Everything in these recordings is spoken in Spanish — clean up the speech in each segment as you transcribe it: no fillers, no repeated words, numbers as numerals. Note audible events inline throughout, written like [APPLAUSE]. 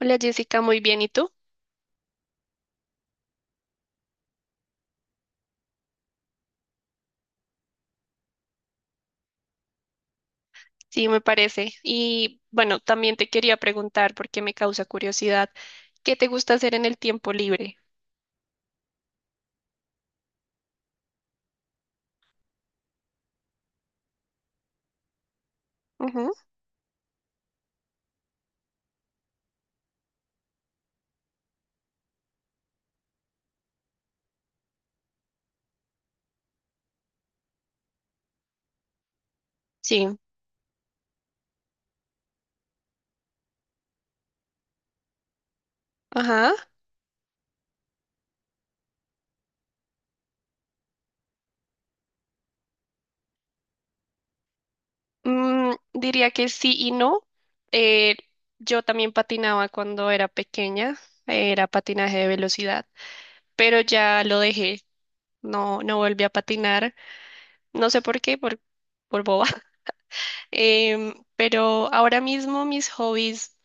Hola Jessica, muy bien. ¿Y tú? Sí, me parece. Y bueno, también te quería preguntar, porque me causa curiosidad, ¿qué te gusta hacer en el tiempo libre? Ujú. Sí, ajá. Mm, diría que sí y no. Eh, yo también patinaba cuando era pequeña, era patinaje de velocidad, pero ya lo dejé, no volví a patinar, no sé por qué, por boba. [LAUGHS] Pero ahora mismo mis hobbies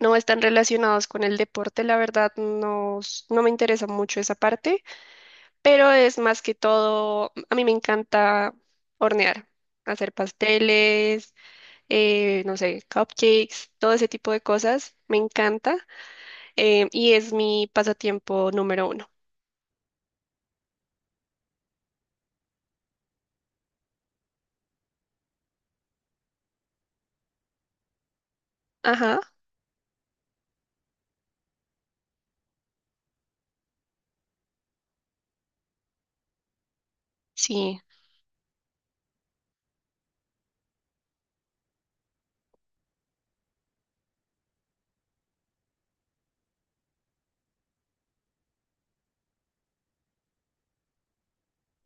no están relacionados con el deporte, la verdad no, no me interesa mucho esa parte, pero es más que todo, a mí me encanta hornear, hacer pasteles, no sé, cupcakes, todo ese tipo de cosas, me encanta, y es mi pasatiempo número uno. Ajá, sí,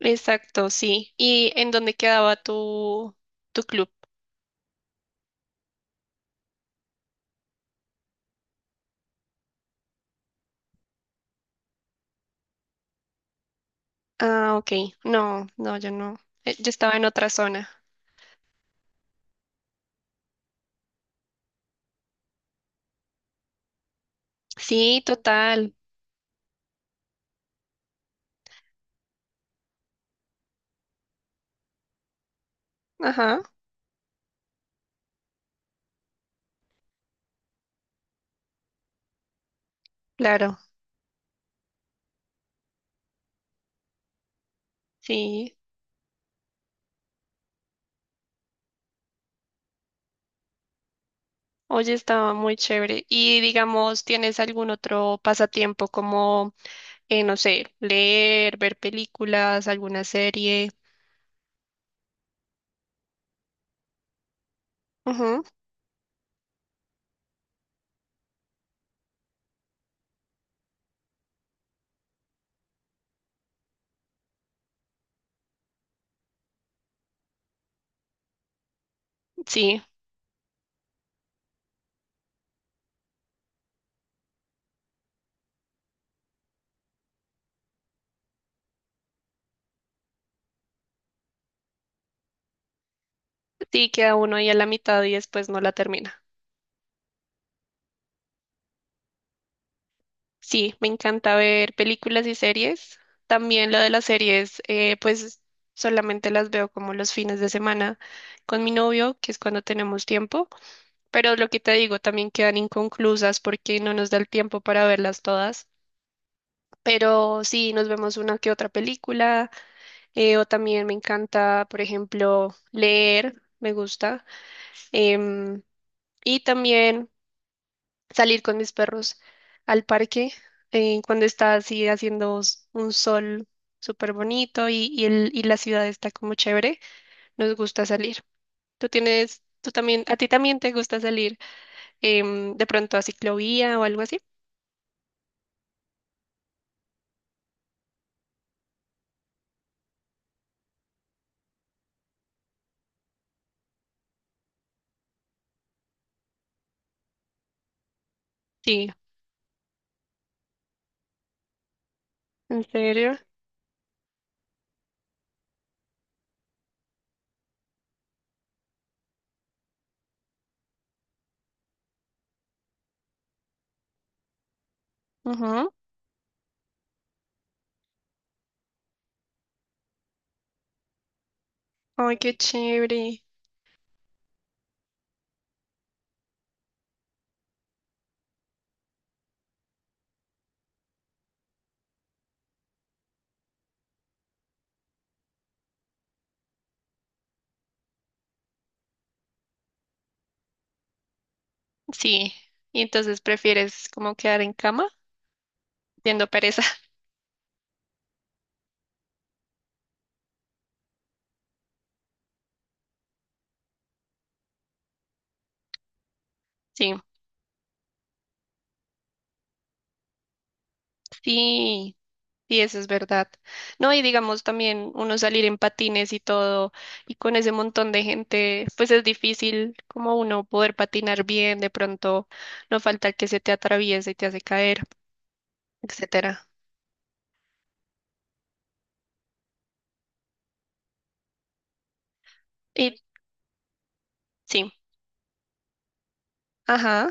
exacto, sí. ¿Y en dónde quedaba tu club? Ah, ok, no, no, yo no, yo estaba en otra zona. Sí, total, ajá, claro. Sí, oye, estaba muy chévere. Y digamos, ¿tienes algún otro pasatiempo como, no sé, leer, ver películas, alguna serie? Ujú. Sí, sí, queda uno ahí a la mitad y después no la termina. Sí, me encanta ver películas y series. También lo de las series, pues solamente las veo como los fines de semana con mi novio, que es cuando tenemos tiempo. Pero lo que te digo, también quedan inconclusas porque no nos da el tiempo para verlas todas. Pero sí, nos vemos una que otra película, o también me encanta, por ejemplo, leer, me gusta, em, y también salir con mis perros al parque, cuando está así haciendo un sol súper bonito y, y la ciudad está como chévere, nos gusta salir. ¿Tú tienes, tú también, a ti también te gusta salir, de pronto a ciclovía o algo así? Sí, ¿en serio? Ujú. Ay, qué chévere. Sí, y entonces prefieres como quedar en cama siendo pereza. [LAUGHS] Sí, sí, sí, eso es verdad. No, y digamos también uno salir en patines y todo, y con ese montón de gente, pues es difícil como uno poder patinar bien, de pronto no falta el que se te atraviese y te hace caer, etcétera. Y sí, ajá,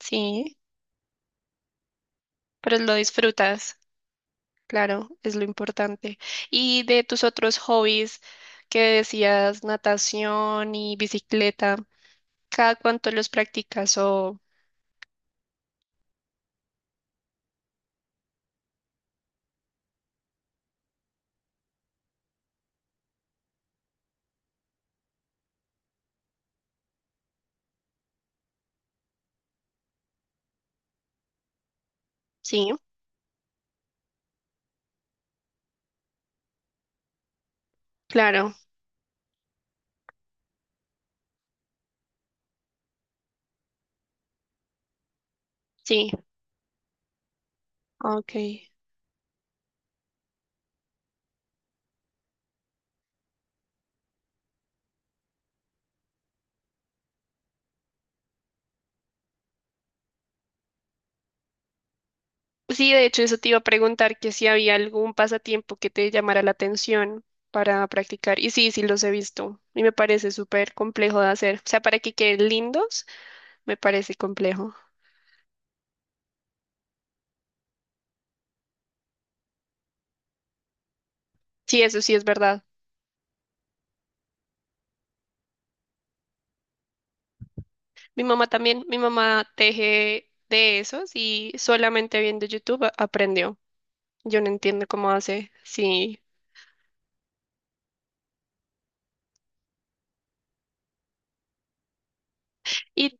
sí, pero lo disfrutas. Claro, es lo importante. Y de tus otros hobbies que decías, natación y bicicleta, ¿cada cuánto los practicas? O sí, claro, sí, ok. Sí, de hecho, eso te iba a preguntar, que si había algún pasatiempo que te llamara la atención para practicar. Y sí, sí los he visto. Y me parece súper complejo de hacer. O sea, para que queden lindos, me parece complejo. Sí, eso sí es verdad. Mi mamá también, mi mamá teje de esos y solamente viendo YouTube aprendió. Yo no entiendo cómo hace, sí. Y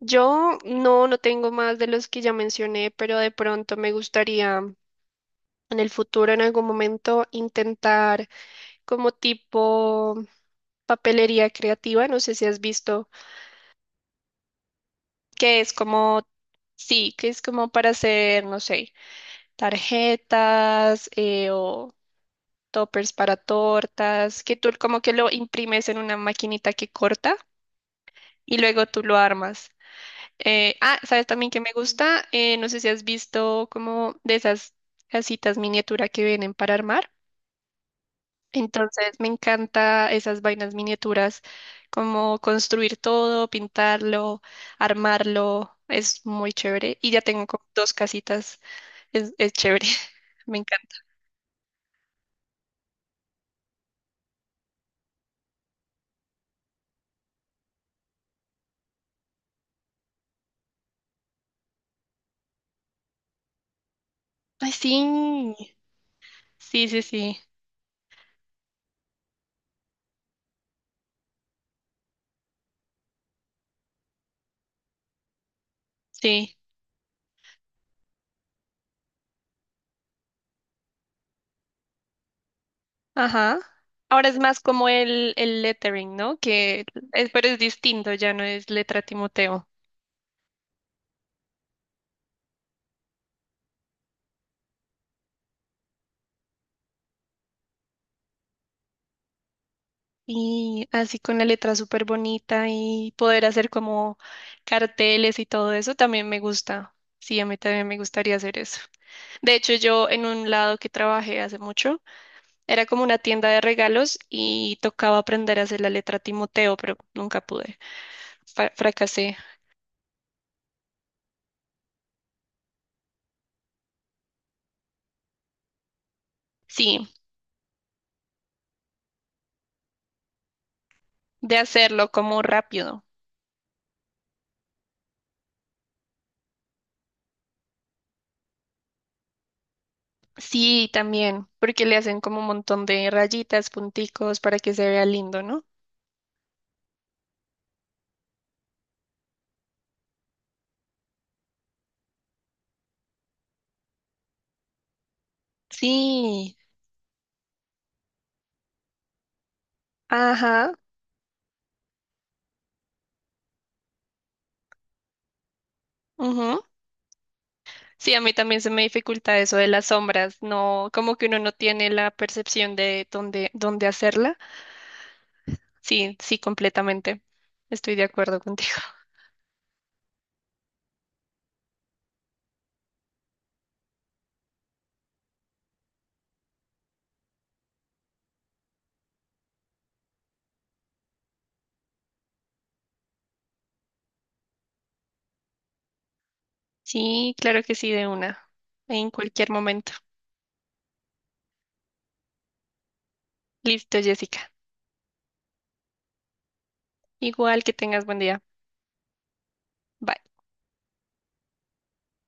yo no, no tengo más de los que ya mencioné, pero de pronto me gustaría en el futuro, en algún momento, intentar como tipo papelería creativa, no sé si has visto, que es como, sí, que es como para hacer, no sé, tarjetas, o toppers para tortas, que tú como que lo imprimes en una maquinita que corta y luego tú lo armas. ¿Sabes también que me gusta? No sé si has visto como de esas casitas miniatura que vienen para armar. Entonces me encanta esas vainas miniaturas, como construir todo, pintarlo, armarlo, es muy chévere. Y ya tengo como dos casitas, es chévere. [LAUGHS] Me encanta. Ay, sí, sí, sí, sí, sí. Ajá. Ahora es más como el lettering, ¿no? Que es, pero es distinto, ya no es letra Timoteo. Y así con la letra súper bonita y poder hacer como carteles y todo eso también me gusta. Sí, a mí también me gustaría hacer eso. De hecho, yo en un lado que trabajé hace mucho, era como una tienda de regalos y tocaba aprender a hacer la letra Timoteo, pero nunca pude. Fracasé. Sí, de hacerlo como rápido. Sí, también, porque le hacen como un montón de rayitas, punticos para que se vea lindo, ¿no? Sí, ajá, ujú. Sí, a mí también se me dificulta eso de las sombras, no, como que uno no tiene la percepción de dónde, dónde hacerla. Sí, sí, completamente. Estoy de acuerdo contigo. Sí, claro que sí, de una, en cualquier momento. Listo, Jessica. Igual que tengas buen día. Bye.